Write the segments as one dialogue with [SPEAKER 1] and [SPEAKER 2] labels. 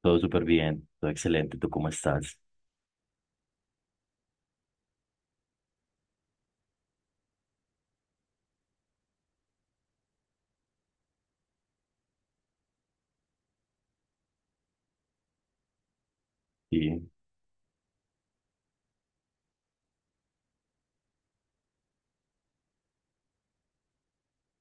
[SPEAKER 1] Todo súper bien, todo excelente. ¿Tú cómo estás? Sí,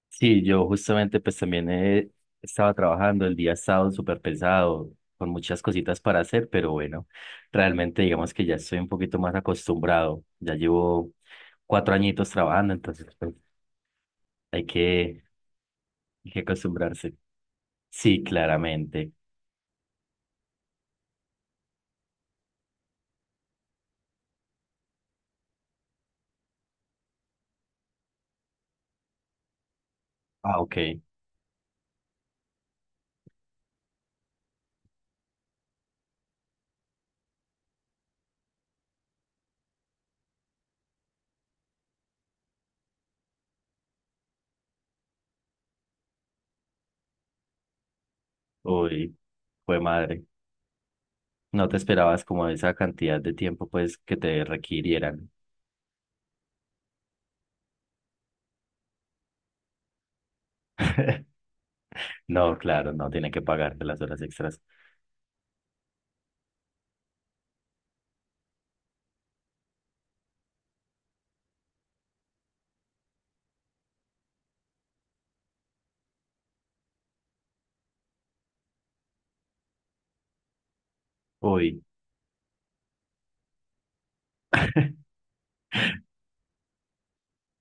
[SPEAKER 1] sí, yo justamente pues también estaba trabajando, el día ha estado súper pesado, con muchas cositas para hacer, pero bueno, realmente digamos que ya estoy un poquito más acostumbrado. Ya llevo cuatro añitos trabajando, entonces pues, hay que, hay que acostumbrarse. Sí, claramente. Ah, ok. Uy, fue madre. No te esperabas como esa cantidad de tiempo pues que te requirieran. No, claro, no tiene que pagarte las horas extras. Uy,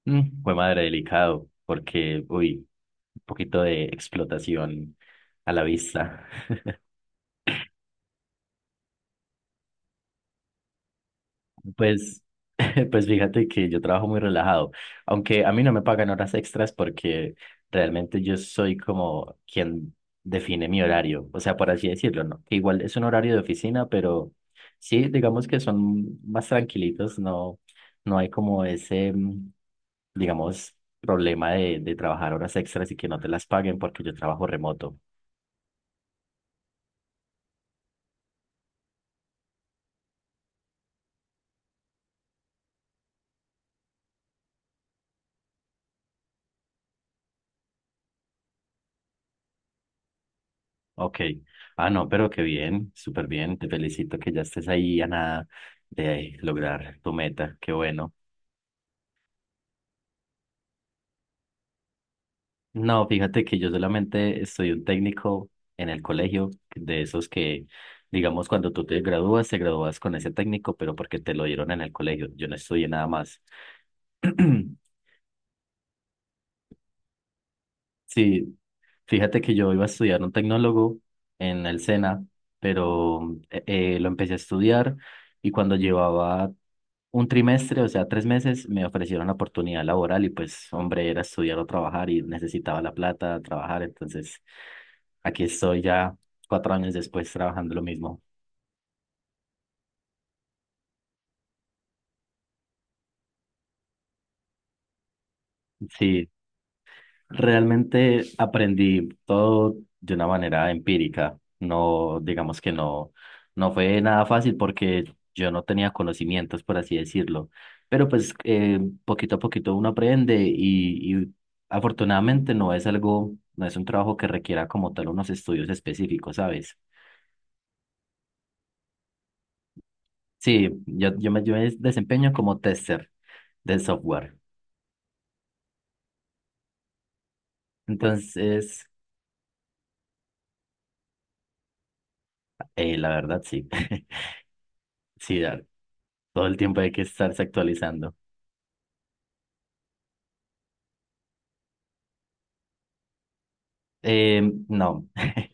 [SPEAKER 1] mm, fue madre delicado, porque, uy, un poquito de explotación a la vista. Pues, pues fíjate que yo trabajo muy relajado, aunque a mí no me pagan horas extras porque realmente yo soy como quien define mi horario, o sea, por así decirlo, ¿no? Que igual es un horario de oficina, pero sí, digamos que son más tranquilitos, no, no hay como ese, digamos, problema de trabajar horas extras y que no te las paguen porque yo trabajo remoto. Ok. Ah, no, pero qué bien, súper bien. Te felicito que ya estés ahí a nada de lograr tu meta. Qué bueno. No, fíjate que yo solamente soy un técnico en el colegio, de esos que, digamos, cuando tú te gradúas con ese técnico, pero porque te lo dieron en el colegio. Yo no estudié nada más. Sí, fíjate que yo iba a estudiar un tecnólogo en el SENA, pero eh, lo empecé a estudiar y cuando llevaba un trimestre, o sea, tres meses, me ofrecieron la oportunidad laboral y pues, hombre, era estudiar o trabajar y necesitaba la plata, trabajar, entonces aquí estoy ya cuatro años después trabajando lo mismo. Sí, realmente aprendí todo de una manera empírica. No, digamos que no, no fue nada fácil porque yo no tenía conocimientos, por así decirlo. Pero pues poquito a poquito uno aprende y afortunadamente no es algo, no es un trabajo que requiera como tal unos estudios específicos, ¿sabes? Sí, yo me desempeño como tester del software. Entonces, la verdad sí, sí, todo el tiempo hay que estarse actualizando. Eh, no.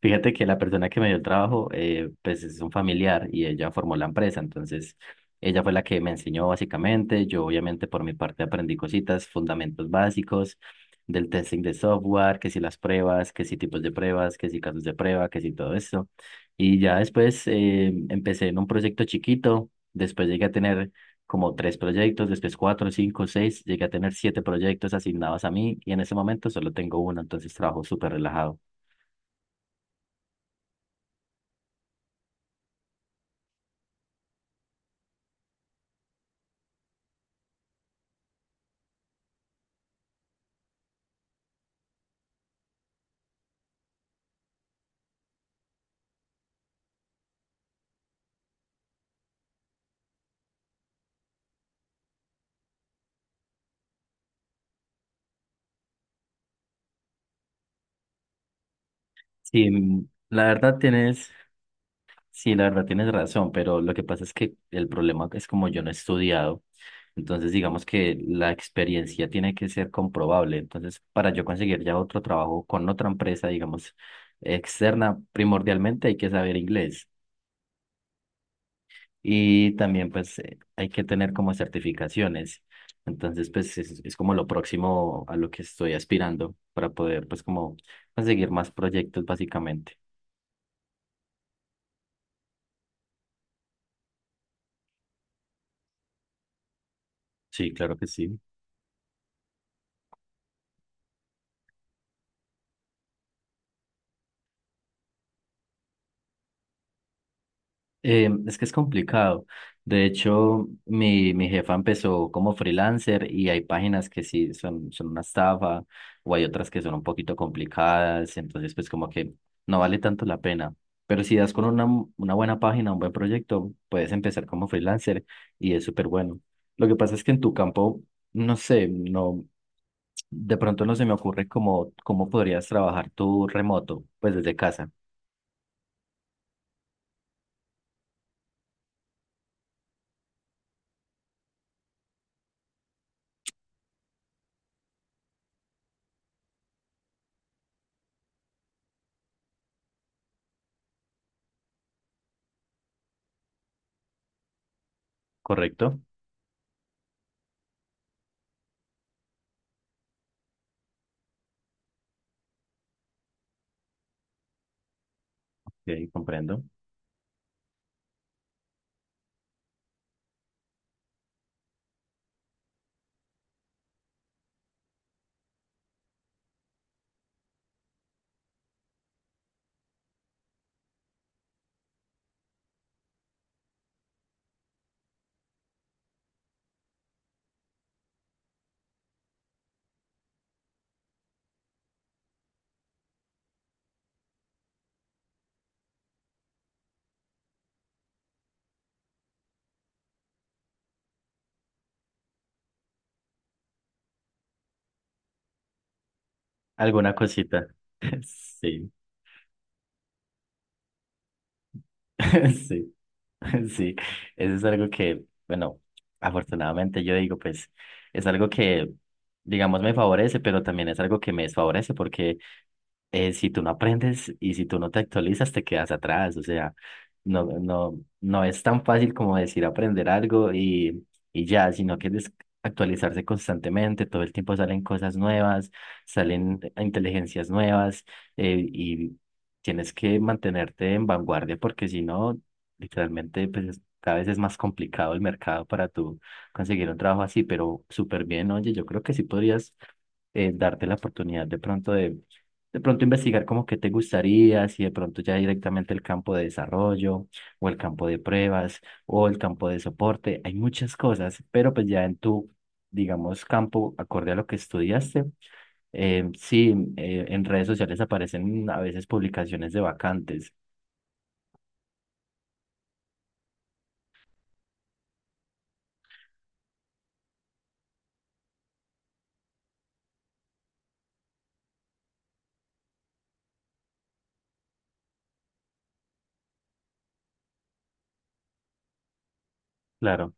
[SPEAKER 1] Fíjate que la persona que me dio el trabajo, pues es un familiar y ella formó la empresa, entonces ella fue la que me enseñó básicamente, yo obviamente por mi parte aprendí cositas, fundamentos básicos del testing de software, que si las pruebas, que si tipos de pruebas, que si casos de prueba, que si todo eso. Y ya después empecé en un proyecto chiquito, después llegué a tener como tres proyectos, después cuatro, cinco, seis, llegué a tener siete proyectos asignados a mí y en ese momento solo tengo uno, entonces trabajo súper relajado. Sí, mm, la verdad tienes, sí, la verdad tienes razón, pero lo que pasa es que el problema es como yo no he estudiado, entonces digamos que la experiencia tiene que ser comprobable, entonces para yo conseguir ya otro trabajo con otra empresa, digamos, externa, primordialmente hay que saber inglés y también pues hay que tener como certificaciones, entonces pues es como lo próximo a lo que estoy aspirando para poder pues como conseguir más proyectos básicamente. Sí, claro que sí. Es que es complicado. De hecho, mi jefa empezó como freelancer y hay páginas que sí son, son una estafa o hay otras que son un poquito complicadas. Entonces, pues como que no vale tanto la pena. Pero si das con una buena página, un buen proyecto, puedes empezar como freelancer y es súper bueno. Lo que pasa es que en tu campo, no sé, no, de pronto no se me ocurre cómo, cómo podrías trabajar tú remoto, pues desde casa, ¿correcto? Ok, comprendo. Alguna cosita. Sí, sí, sí. Eso es algo que, bueno, afortunadamente yo digo, pues es algo que, digamos, me favorece, pero también es algo que me desfavorece porque si tú no aprendes y si tú no te actualizas, te quedas atrás. O sea, no es tan fácil como decir aprender algo y ya, sino que es actualizarse constantemente, todo el tiempo salen cosas nuevas, salen inteligencias nuevas y tienes que mantenerte en vanguardia porque si no, literalmente, cada vez es más complicado el mercado para tú conseguir un trabajo así, pero súper bien, oye, yo creo que sí podrías darte la oportunidad de pronto investigar como que te gustaría, si de pronto ya directamente el campo de desarrollo o el campo de pruebas o el campo de soporte, hay muchas cosas, pero pues ya en tu, digamos, campo, acorde a lo que estudiaste, sí, en redes sociales aparecen a veces publicaciones de vacantes, claro.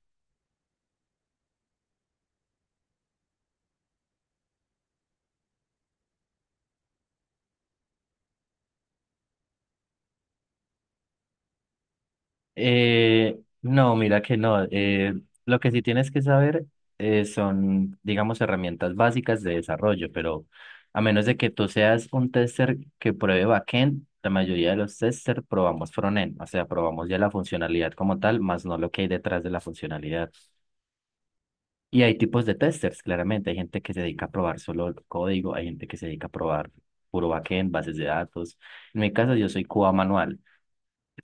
[SPEAKER 1] No, mira que no. Lo que sí tienes que saber son, digamos, herramientas básicas de desarrollo, pero a menos de que tú seas un tester que pruebe backend, la mayoría de los testers probamos frontend, o sea, probamos ya la funcionalidad como tal, más no lo que hay detrás de la funcionalidad. Y hay tipos de testers, claramente. Hay gente que se dedica a probar solo el código, hay gente que se dedica a probar puro backend, bases de datos. En mi caso, yo soy QA manual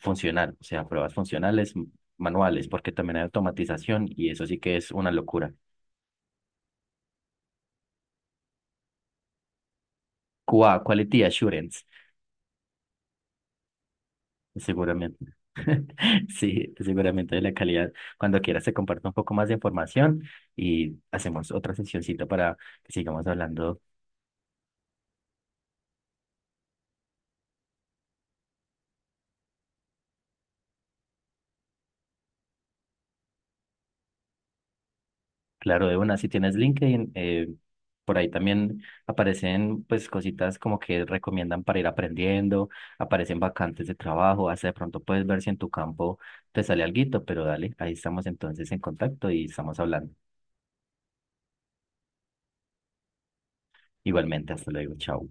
[SPEAKER 1] funcional, o sea, pruebas funcionales, manuales, porque también hay automatización y eso sí que es una locura. QA, Quality Assurance, seguramente. Sí, seguramente de la calidad. Cuando quieras te comparto un poco más de información y hacemos otra sesioncita para que sigamos hablando. Claro, de una, si tienes LinkedIn, por ahí también aparecen pues cositas como que recomiendan para ir aprendiendo, aparecen vacantes de trabajo, hasta de pronto puedes ver si en tu campo te sale alguito, pero dale, ahí estamos entonces en contacto y estamos hablando. Igualmente, hasta luego, chao.